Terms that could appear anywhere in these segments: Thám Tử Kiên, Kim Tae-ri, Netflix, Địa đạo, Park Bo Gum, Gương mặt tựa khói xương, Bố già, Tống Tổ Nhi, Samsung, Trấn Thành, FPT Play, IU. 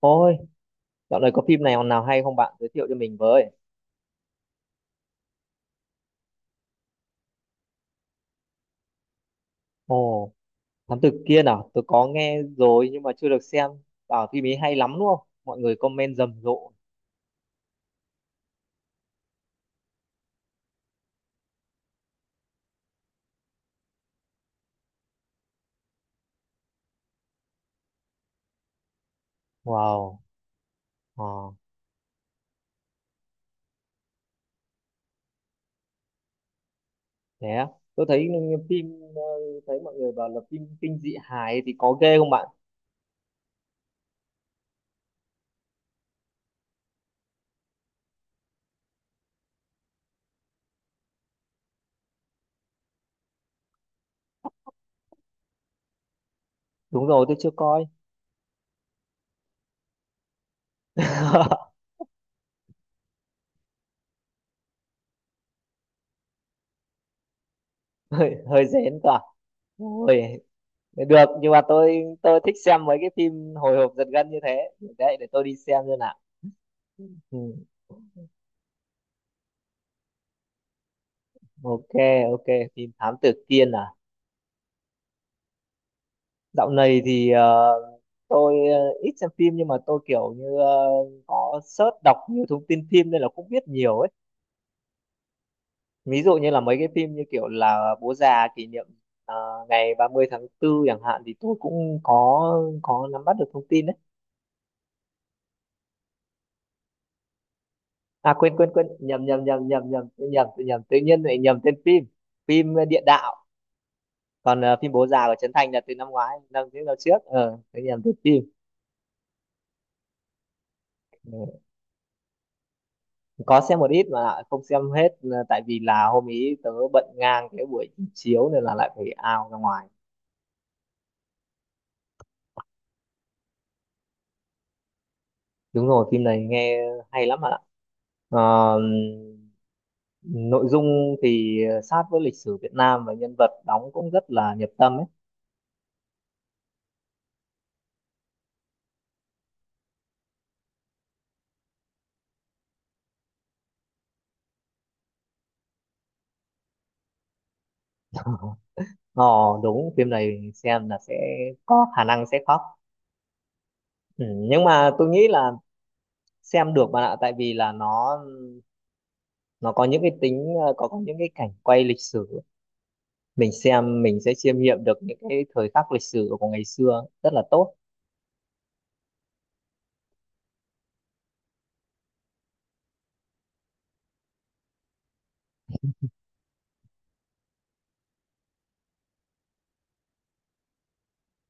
Ôi, dạo này có phim nào nào hay không bạn giới thiệu cho mình với? Ồ, Thám tử Kiên à? Tôi có nghe rồi nhưng mà chưa được xem. Bảo phim ấy hay lắm đúng không? Mọi người comment rầm rộ. Wow, ờ, thế á. Tôi thấy phim, thấy mọi người bảo là phim kinh dị hài thì có ghê không bạn? Đúng rồi, tôi chưa coi. Hơi, hơi rén cả. Ôi, được, nhưng mà tôi thích xem mấy cái phim hồi hộp giật gân như thế. Đấy, để tôi đi xem nào. Ừ. Ok, ok, phim Thám Tử Kiên à. Dạo này thì tôi ít xem phim nhưng mà tôi kiểu như có search đọc nhiều thông tin phim nên là cũng biết nhiều ấy. Ví dụ như là mấy cái phim như kiểu là Bố già kỷ niệm ờ, ngày 30 tháng tư chẳng hạn thì tôi cũng có nắm bắt được thông tin đấy. À quên quên quên, nhầm nhầm nhầm nhầm nhầm, tôi nhầm, tự nhiên lại nhầm tên phim. Phim Địa đạo. Còn phim Bố già của Trấn Thành là từ năm ngoái, những năm trước. Ờ, tôi nhầm tên phim. Ừ. Có xem một ít mà lại không xem hết, tại vì là hôm ý tớ bận ngang cái buổi chiếu nên là lại phải ao ra ngoài. Đúng rồi, phim này nghe hay lắm bạn ạ. Ờ, nội dung thì sát với lịch sử Việt Nam và nhân vật đóng cũng rất là nhập tâm ấy. ờ đúng, phim này xem là sẽ có khả năng sẽ khóc. Ừ, nhưng mà tôi nghĩ là xem được bạn ạ, tại vì là nó có những cái tính có những cái cảnh quay lịch sử, mình xem mình sẽ chiêm nghiệm được những cái thời khắc lịch sử của ngày xưa rất là tốt.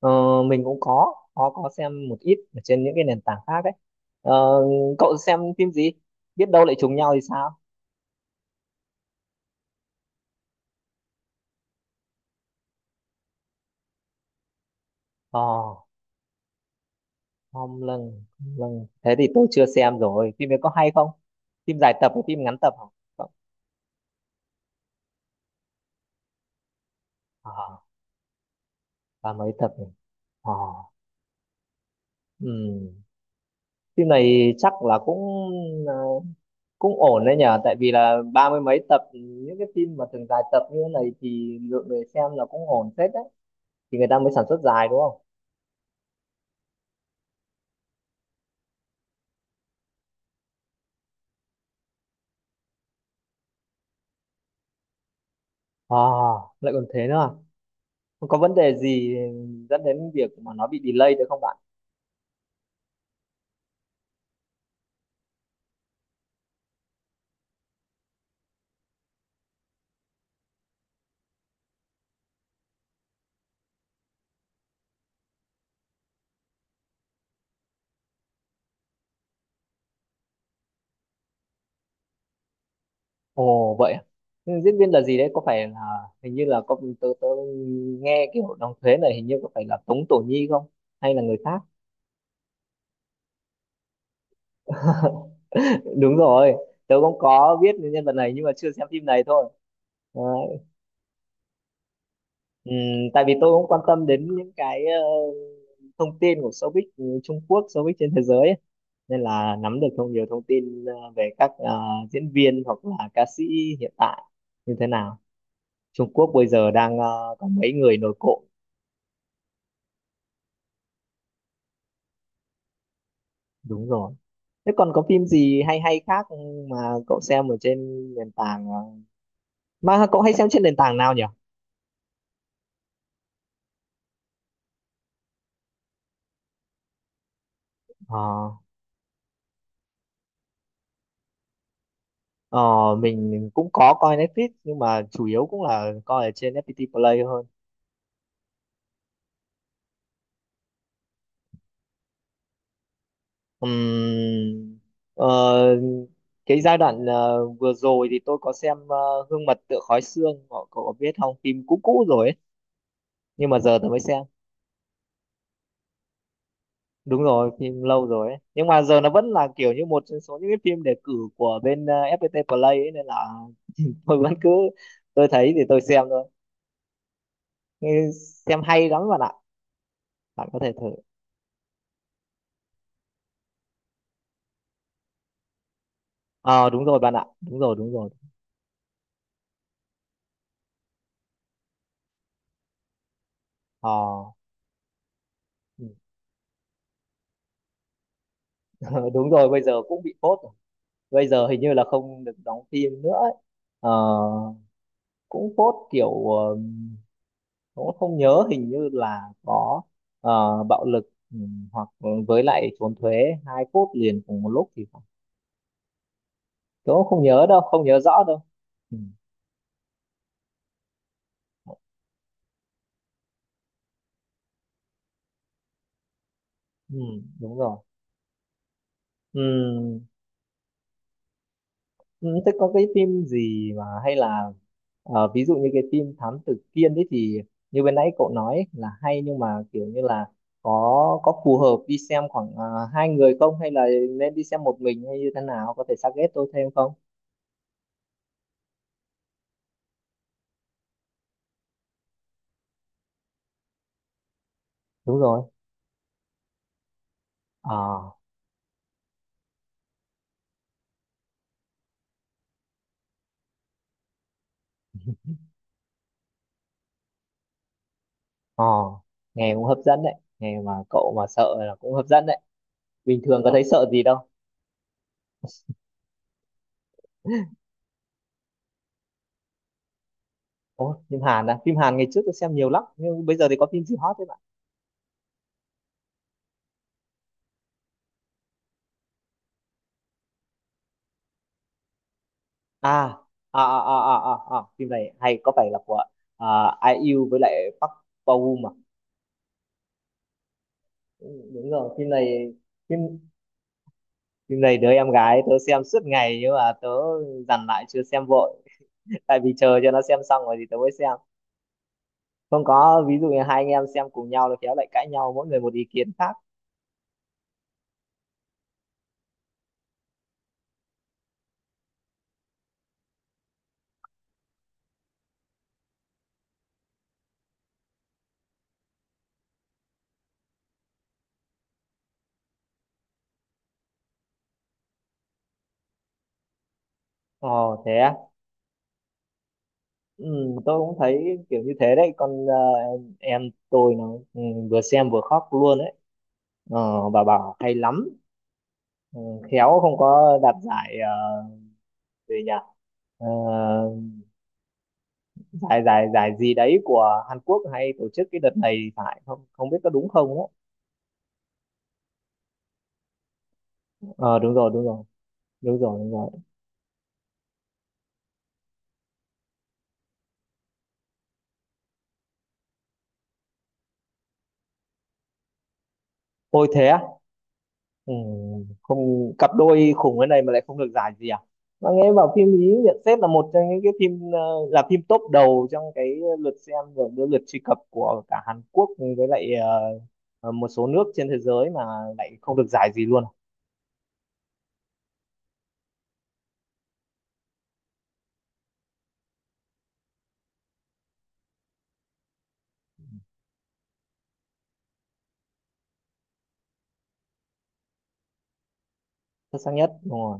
ờ, mình cũng có xem một ít ở trên những cái nền tảng khác ấy. ờ, cậu xem phim gì, biết đâu lại trùng nhau thì sao? ờ Hom lần Hom, thế thì tôi chưa xem rồi. Phim ấy có hay không? Phim dài tập hay phim ngắn tập hả? Cậu- ờ ba mấy tập nhỉ? ờ ừ. Phim này chắc là cũng ờ, cũng ổn đấy nhở, tại vì là ba mươi mấy tập. Những cái phim mà thường dài tập như thế này thì lượng người xem là cũng ổn phết đấy, thì người ta mới sản xuất dài đúng không. À, lại còn thế nữa à? Không có vấn đề gì dẫn đến việc mà nó bị delay được không bạn? Ồ vậy à? Nhưng diễn viên là gì đấy có phải là, hình như là có, tớ nghe cái hội đồng thuế này hình như có phải là Tống Tổ Nhi không hay là người khác? Đúng rồi, tớ cũng có biết nhân vật này nhưng mà chưa xem phim này thôi. Ừm, tại vì tôi cũng quan tâm đến những cái thông tin của showbiz, ừ, Trung Quốc, showbiz trên thế giới ấy. Nên là nắm được nhiều thông tin về các diễn viên hoặc là ca sĩ hiện tại như thế nào. Trung Quốc bây giờ đang có mấy người nổi cộm, đúng rồi. Thế còn có phim gì hay hay khác mà cậu xem ở trên nền tảng mà cậu hay xem trên nền tảng nào nhỉ? Ờ, ờ, mình cũng có coi Netflix nhưng mà chủ yếu cũng là coi ở trên FPT Play. Ừm, ờ, cái giai đoạn vừa rồi thì tôi có xem Gương mặt tựa khói xương. Cậu có biết không? Phim cũ cũ rồi ấy nhưng mà giờ tôi mới xem. Đúng rồi, phim lâu rồi ấy, nhưng mà giờ nó vẫn là kiểu như một trong số những cái phim đề cử của bên FPT Play ấy, nên là tôi vẫn cứ, tôi thấy thì tôi xem thôi. Nghe- xem hay lắm bạn ạ, bạn có thể thử. Ờ Đúng rồi bạn ạ, đúng rồi đúng rồi. ờ đúng rồi, bây giờ cũng bị phốt, bây giờ hình như là không được đóng phim nữa ấy. Ờ, cũng phốt kiểu cũng không nhớ, hình như là có bạo lực, ừ, hoặc với lại trốn thuế, hai phút liền cùng một lúc thì phải. Tôi cũng không nhớ đâu, không nhớ rõ đâu. Ừ, ừ, đúng rồi. Ừ, ừ, thế có cái phim gì mà hay là ví dụ như cái phim Thám Tử Kiên đấy thì như bên nãy cậu nói là hay, nhưng mà kiểu như là có phù hợp đi xem khoảng hai người không, hay là nên đi xem một mình, hay như thế nào, có thể suggest tôi thêm không? Đúng rồi. Ờ, ờ, nghe cũng hấp dẫn đấy. Nghe mà cậu mà sợ là cũng hấp dẫn đấy. Bình thường có thấy sợ gì đâu. Ồ, phim Hàn à? Phim Hàn ngày trước tôi xem nhiều lắm. Nhưng bây giờ thì có phim gì hot? à phim này hay, có phải là của à, Ai yêu với lại Park Bo Gum à? Ừ, đúng rồi, phim này phim phim này đứa em gái tớ xem suốt ngày nhưng mà tớ dằn lại chưa xem vội, tại vì chờ cho nó xem xong rồi thì tớ mới xem. Không, có ví dụ như hai anh em xem cùng nhau là khéo lại cãi nhau, mỗi người một ý kiến khác. Ồ thế á. Ừ, tôi cũng thấy kiểu như thế đấy. Con em tôi nó, ừ, vừa xem vừa khóc luôn đấy. Bà bảo hay lắm. Ừ, khéo không có đạt giải uh, gì nhỉ? Ờ, giải giải giải gì đấy của Hàn Quốc hay tổ chức cái đợt này phải không, không biết có đúng không á? Ờ Đúng rồi đúng rồi, đúng rồi đúng rồi. Ôi thế á. Ừ, không, cặp đôi khủng cái này mà lại không được giải gì à? Mà nghe bảo phim ý nhận xét là một trong những cái phim là phim top đầu trong cái lượt xem rồi cái lượt truy cập của cả Hàn Quốc với lại một số nước trên thế giới mà lại không được giải gì luôn. Xuất sắc nhất, đúng rồi.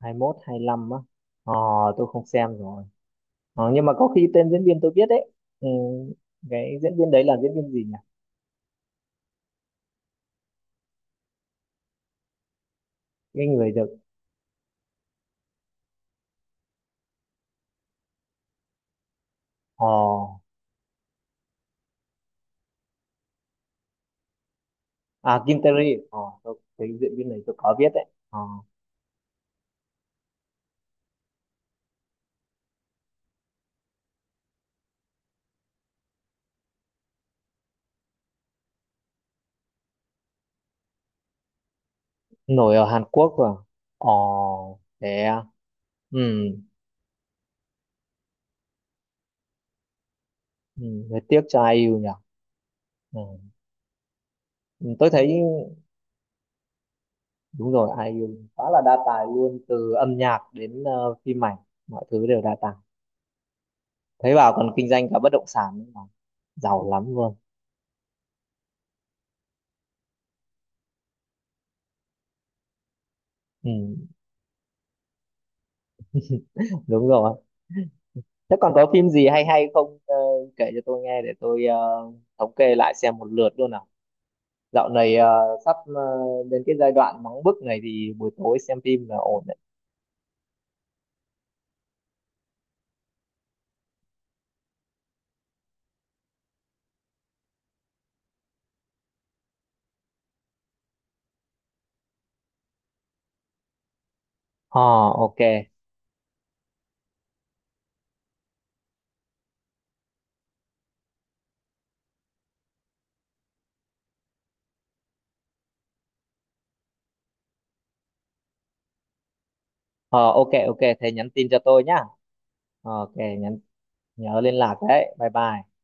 Hai mốt, hai 25 á. Ờ, tôi không xem rồi. Ờ, nhưng mà có khi tên diễn viên tôi biết đấy. Ừ, cái diễn viên đấy là diễn viên gì nhỉ? Cái người được. Ờ, à Kim Tae-ri. Ờ, tôi, cái diễn viên này tôi có biết đấy. Ờ, nổi ở Hàn Quốc rồi. Ờ, thế à? Ừ, ừ, hơi tiếc cho ai IU nhỉ. Ừ. Ừ, tôi thấy đúng rồi, ai IU khá là đa tài luôn, từ âm nhạc đến phim ảnh, mọi thứ đều đa tài. Thấy bảo còn kinh doanh cả bất động sản nữa mà, giàu lắm luôn. Ừ, đúng rồi. Thế còn có phim gì hay hay không, kể cho tôi nghe để tôi thống kê lại xem một lượt luôn nào. Dạo này sắp đến cái giai đoạn nóng bức này thì buổi tối xem phim là ổn đấy. Ờ, ok. Ờ, ok ok, thế nhắn tin cho tôi nhá. Ờ, ok, nhắn nhớ liên lạc đấy. Bye bye.